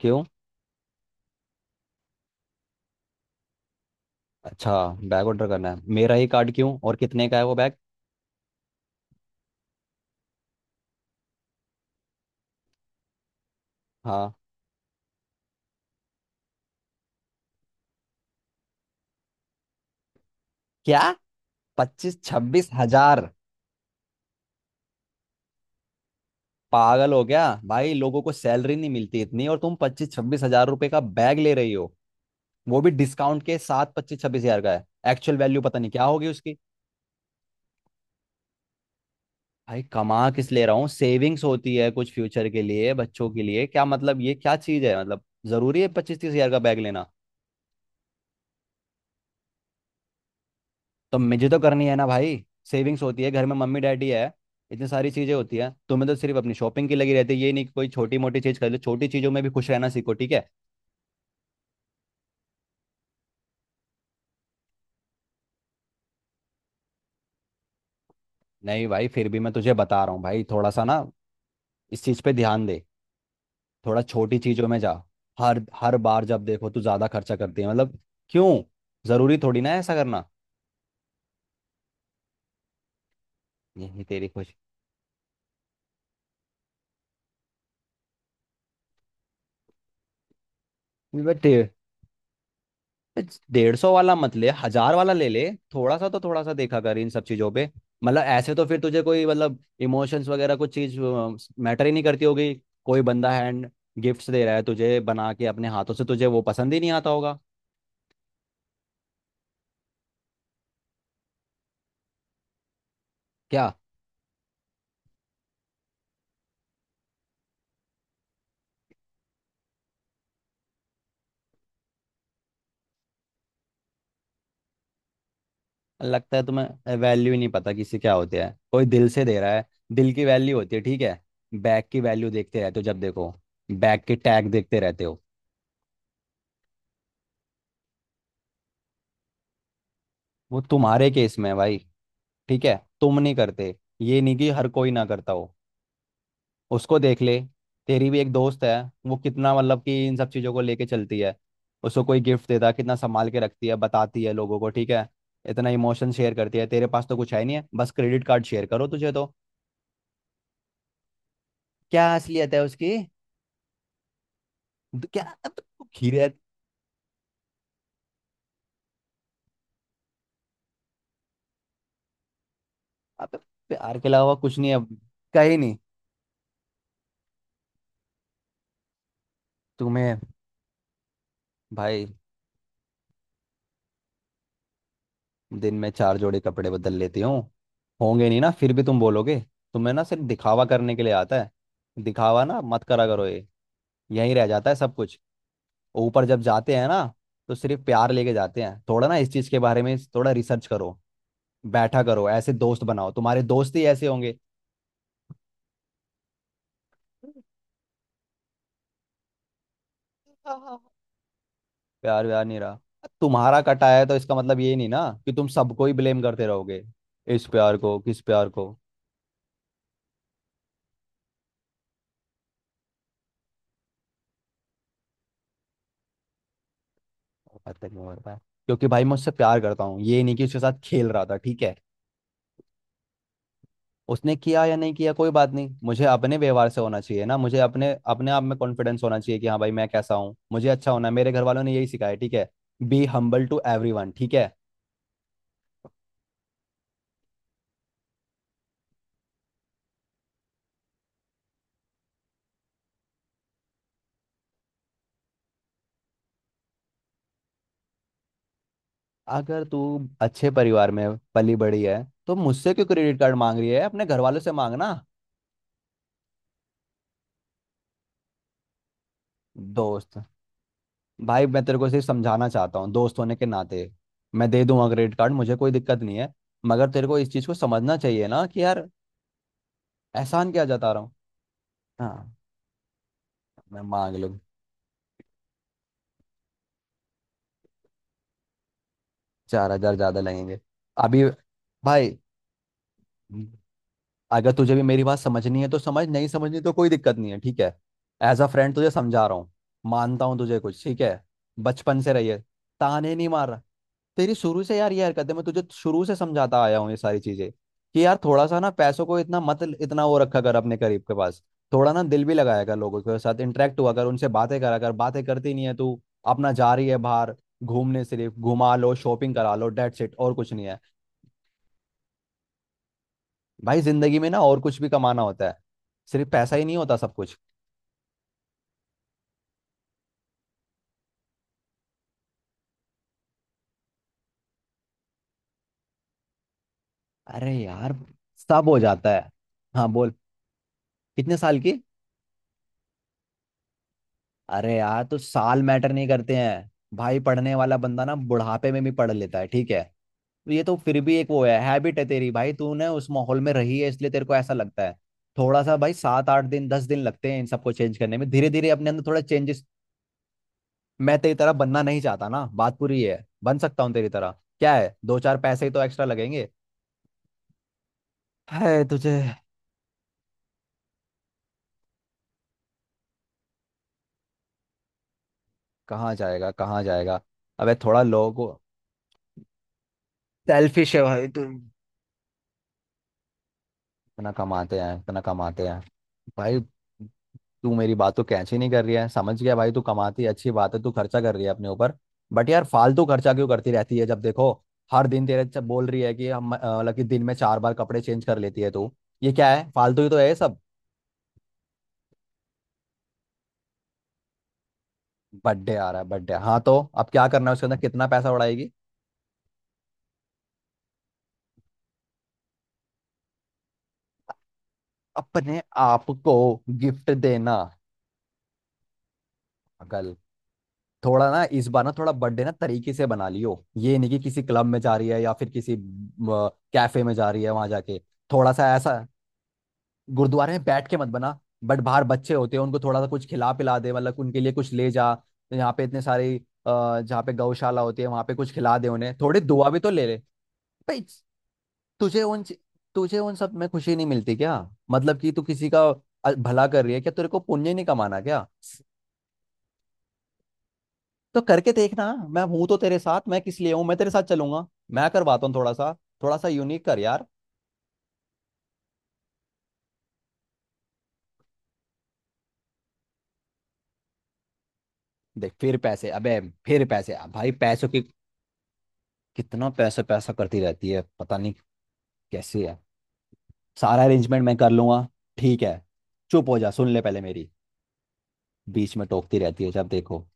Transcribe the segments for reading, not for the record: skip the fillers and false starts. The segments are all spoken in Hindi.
क्यों। अच्छा। बैग ऑर्डर करना है मेरा ही कार्ड क्यों? और कितने का है वो बैग? हाँ। क्या? 25-26 हजार? पागल हो गया भाई। लोगों को सैलरी नहीं मिलती इतनी और तुम 25-26 हजार रुपए का बैग ले रही हो। वो भी डिस्काउंट के साथ 25-26 हजार का है। एक्चुअल वैल्यू पता नहीं क्या होगी उसकी। भाई, कमा किस ले रहा हूँ? सेविंग्स होती है कुछ फ्यूचर के लिए, बच्चों के लिए। क्या मतलब ये क्या चीज है? मतलब जरूरी है 25-30 हजार का बैग लेना? तो मुझे तो करनी है ना भाई। सेविंग्स होती है, घर में मम्मी डैडी है, इतनी सारी चीजें होती है। तुम्हें तो सिर्फ अपनी शॉपिंग की लगी रहती है। ये नहीं कि कोई छोटी मोटी चीज कर लो। छोटी चीजों में भी खुश रहना सीखो, ठीक है। नहीं भाई, फिर भी मैं तुझे बता रहा हूँ भाई, थोड़ा सा ना इस चीज पे ध्यान दे। थोड़ा छोटी चीजों में जा। हर हर बार जब देखो तू ज्यादा खर्चा करती है मतलब। क्यों? जरूरी थोड़ी ना है ऐसा करना। यही तेरी खुशी? बट 150 वाला मत ले, हजार वाला ले ले। थोड़ा सा तो, थोड़ा सा देखा कर इन सब चीजों पे। मतलब ऐसे तो फिर तुझे कोई मतलब इमोशंस वगैरह कुछ चीज मैटर ही नहीं करती होगी। कोई बंदा हैंड गिफ्ट्स दे रहा है तुझे बना के अपने हाथों से, तुझे वो पसंद ही नहीं आता होगा। क्या? लगता है तुम्हें वैल्यू ही नहीं पता किसी क्या होती है। कोई दिल से दे रहा है, दिल की वैल्यू होती है, ठीक है। बैग की वैल्यू देखते रहते हो जब देखो, बैग के टैग देखते रहते हो। वो तुम्हारे केस में है भाई, ठीक है। तुम नहीं करते, ये नहीं कि हर कोई ना करता हो। उसको देख ले, तेरी भी एक दोस्त है, वो कितना मतलब कि इन सब चीज़ों को लेके चलती है। उसको कोई गिफ्ट देता है कितना संभाल के रखती है, बताती है लोगों को, ठीक है। इतना इमोशन शेयर करती है, तेरे पास तो कुछ है नहीं है, बस क्रेडिट कार्ड शेयर करो तुझे तो। क्या असलियत है उसकी? क्या अब? खीरे है? अब प्यार के अलावा कुछ नहीं है। कहीं नहीं। तुम्हें। भाई। दिन में चार जोड़े कपड़े बदल लेती हूँ? होंगे नहीं ना फिर भी तुम बोलोगे। तुम्हें ना सिर्फ दिखावा करने के लिए आता है। दिखावा ना मत करा करो ये, यहीं रह जाता है सब कुछ। ऊपर जब जाते हैं ना तो सिर्फ प्यार लेके जाते हैं। थोड़ा ना इस चीज के बारे में थोड़ा रिसर्च करो, बैठा करो। ऐसे दोस्त बनाओ, तुम्हारे दोस्त ही ऐसे होंगे। प्यार व्यार नहीं रहा? तुम्हारा कटा है तो इसका मतलब ये नहीं ना कि तुम सबको ही ब्लेम करते रहोगे। इस प्यार को, किस प्यार को? पता नहीं हो रहा है, क्योंकि भाई मैं उससे प्यार करता हूँ, ये नहीं कि उसके साथ खेल रहा था, ठीक है। उसने किया या नहीं किया कोई बात नहीं, मुझे अपने व्यवहार से होना चाहिए ना। मुझे अपने अपने आप में कॉन्फिडेंस होना चाहिए कि हाँ भाई मैं कैसा हूँ, मुझे अच्छा होना है। मेरे घर वालों ने यही सिखाया है, ठीक है। बी हम्बल टू एवरीवन, ठीक है। अगर तू अच्छे परिवार में पली बड़ी है तो मुझसे क्यों क्रेडिट कार्ड मांग रही है? अपने घर वालों से मांगना। दोस्त? भाई मैं तेरे को सिर्फ समझाना चाहता हूँ दोस्त होने के नाते। मैं दे दूंगा क्रेडिट कार्ड, मुझे कोई दिक्कत नहीं है, मगर तेरे को इस चीज को समझना चाहिए ना कि यार। एहसान किया जाता रहा हूँ? हाँ, मैं मांग लूँ। 4,000 ज्यादा लगेंगे? अभी भाई, अगर तुझे भी मेरी बात समझनी है तो समझ, नहीं समझनी तो कोई दिक्कत नहीं है, ठीक है। एज अ फ्रेंड तुझे समझा रहा हूँ। मानता हूँ तुझे कुछ ठीक है बचपन से रही है। ताने नहीं मार रहा। तेरी शुरू से यार ये हरकत है, मैं तुझे शुरू से समझाता आया हूँ ये सारी चीजें। कि यार थोड़ा सा ना पैसों को इतना मत, इतना वो रखा कर अपने करीब के पास। थोड़ा ना दिल भी लगाया कर, लोगों के साथ इंटरेक्ट हुआ कर, उनसे बातें करा कर। बातें करती नहीं है तू, अपना जा रही है बाहर घूमने, सिर्फ घुमा लो शॉपिंग करा लो, डेट्स इट, और कुछ नहीं है। भाई जिंदगी में ना और कुछ भी कमाना होता है, सिर्फ पैसा ही नहीं होता सब कुछ। अरे यार, सब हो जाता है। हाँ बोल। कितने साल की? अरे यार, तो साल मैटर नहीं करते हैं भाई। पढ़ने वाला बंदा ना बुढ़ापे में भी पढ़ लेता है, ठीक है। तो ये तो फिर भी एक वो है, हैबिट है तेरी भाई, तूने उस माहौल में रही है इसलिए तेरे को ऐसा लगता है। थोड़ा सा भाई, 7-8 दिन, 10 दिन लगते हैं इन सबको चेंज करने में। धीरे धीरे अपने अंदर थोड़ा चेंजेस। मैं तेरी तरह बनना नहीं चाहता ना, बात पूरी है। बन सकता हूँ तेरी तरह, क्या है, दो चार पैसे ही तो एक्स्ट्रा लगेंगे। है तुझे। कहाँ जाएगा? कहाँ जाएगा? अबे, थोड़ा लोगों को। सेल्फिश है भाई तुम। इतना कमाते हैं, इतना कमाते हैं। भाई, तू मेरी बात तो कैच ही नहीं कर रही है। समझ गया भाई, तू कमाती है अच्छी बात है, तू खर्चा कर रही है अपने ऊपर, बट यार फालतू खर्चा क्यों करती रहती है जब देखो। हर दिन तेरे से बोल रही है कि मतलब कि दिन में चार बार कपड़े चेंज कर लेती है तू। ये क्या है? फालतू ही तो है ये सब। बर्थडे आ रहा है, बर्थडे हाँ। तो अब क्या करना है उसके अंदर, कितना पैसा उड़ाएगी? अपने आप को गिफ्ट देना, पागल। थोड़ा ना इस बार ना, थोड़ा बर्थडे ना तरीके से बना लियो, ये नहीं कि किसी क्लब में जा रही है या फिर किसी कैफे में जा रही है वहां जाके थोड़ा सा ऐसा। गुरुद्वारे में बैठ के मत बना। बट बाहर बच्चे होते हैं उनको थोड़ा सा कुछ खिला पिला दे, मतलब उनके लिए कुछ ले जा। यहाँ पे इतने सारे जहाँ पे गौशाला होती है वहां पे कुछ खिला दे उन्हें, थोड़ी दुआ भी तो ले ले। भाई तुझे उन तुझे उन सब में खुशी नहीं मिलती क्या? मतलब कि तू किसी का भला कर रही है क्या, तेरे को पुण्य नहीं कमाना क्या? तो करके देखना, मैं हूं तो तेरे साथ, मैं किस लिए हूं, मैं तेरे साथ चलूंगा। मैं करवाता हूँ थोड़ा सा यूनिक कर यार। देख फिर पैसे, अबे फिर पैसे अब, भाई पैसों की कितना पैसा पैसा करती रहती है पता नहीं कैसे है। सारा अरेंजमेंट मैं कर लूंगा, ठीक है। चुप हो जा, सुन ले पहले मेरी, बीच में टोकती रहती है जब देखो।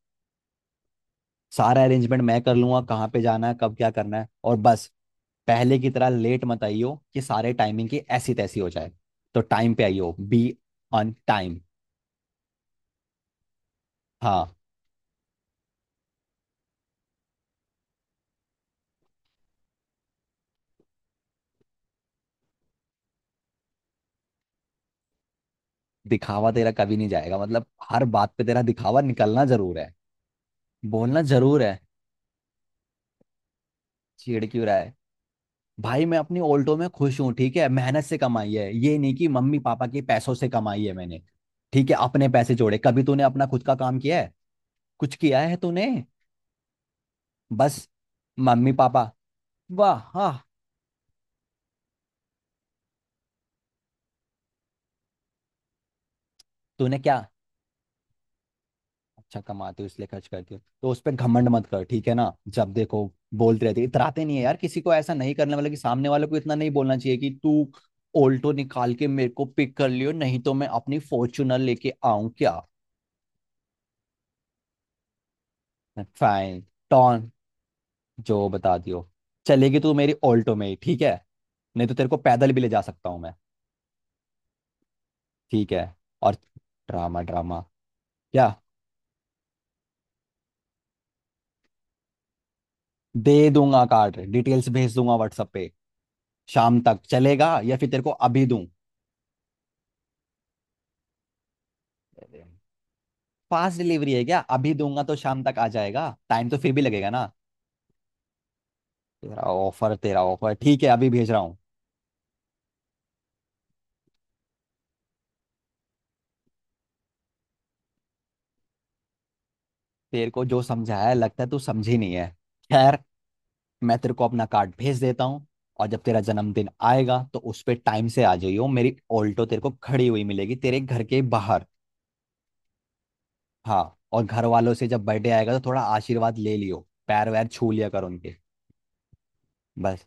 सारा अरेंजमेंट मैं कर लूंगा, कहाँ पे जाना है, कब क्या करना है, और बस पहले की तरह लेट मत आइयो कि सारे टाइमिंग की ऐसी तैसी हो जाए। तो टाइम पे आइयो, बी ऑन टाइम। हाँ। दिखावा तेरा कभी नहीं जाएगा मतलब। हर बात पे तेरा दिखावा निकलना जरूर है, बोलना जरूर है। चिढ़ क्यों रहा है? भाई मैं अपनी ऑल्टो में खुश हूँ, ठीक है, मेहनत से कमाई है, ये नहीं कि मम्मी पापा के पैसों से कमाई है मैंने। ठीक है, अपने पैसे जोड़े। कभी तूने अपना खुद का काम किया है? कुछ किया है तूने? बस मम्मी पापा। वाह, हाँ। तूने क्या। अच्छा कमाते हो इसलिए खर्च करते हो तो उस पर घमंड मत कर, ठीक है ना। जब देखो बोलते रहते, इतराते नहीं है यार किसी को। ऐसा नहीं करने वाला कि सामने वाले को इतना नहीं बोलना चाहिए कि तू ऑल्टो निकाल के मेरे को पिक कर लियो, नहीं तो मैं अपनी फॉर्च्यूनर लेके आऊं क्या। फाइन। टॉन। जो बता दियो। चलेगी तू मेरी ऑल्टो में ही, ठीक है। नहीं तो तेरे को पैदल भी ले जा सकता हूँ मैं। ठीक है। और ड्रामा, ड्रामा। क्या? दे दूंगा कार्ड, डिटेल्स भेज दूंगा व्हाट्सएप पे। शाम तक चलेगा या फिर तेरे को अभी दूं? फास्ट डिलीवरी है क्या? अभी दूंगा तो शाम तक आ जाएगा, टाइम तो फिर भी लगेगा ना। तेरा ऑफर, तेरा ऑफर ठीक है, अभी भेज रहा हूँ। तेरे को जो समझाया है, लगता है तू समझी नहीं है, खैर। मैं तेरे को अपना कार्ड भेज देता हूँ, और जब तेरा जन्मदिन आएगा तो उस पे टाइम से आ जाइयो, मेरी ऑल्टो तेरे को खड़ी हुई मिलेगी तेरे घर के बाहर। हाँ, और घर वालों से जब बर्थडे आएगा तो थोड़ा आशीर्वाद ले लियो, पैर वैर छू लिया कर उनके। बस,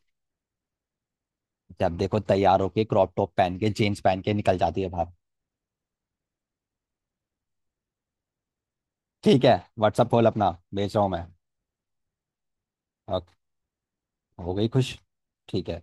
जब देखो तैयार होके क्रॉप टॉप पहन के जीन्स पहन के निकल जाती है बाहर। ठीक है, व्हाट्सअप खोल अपना, भेज रहा हूँ मैं। Okay. हो गई खुश? ठीक है।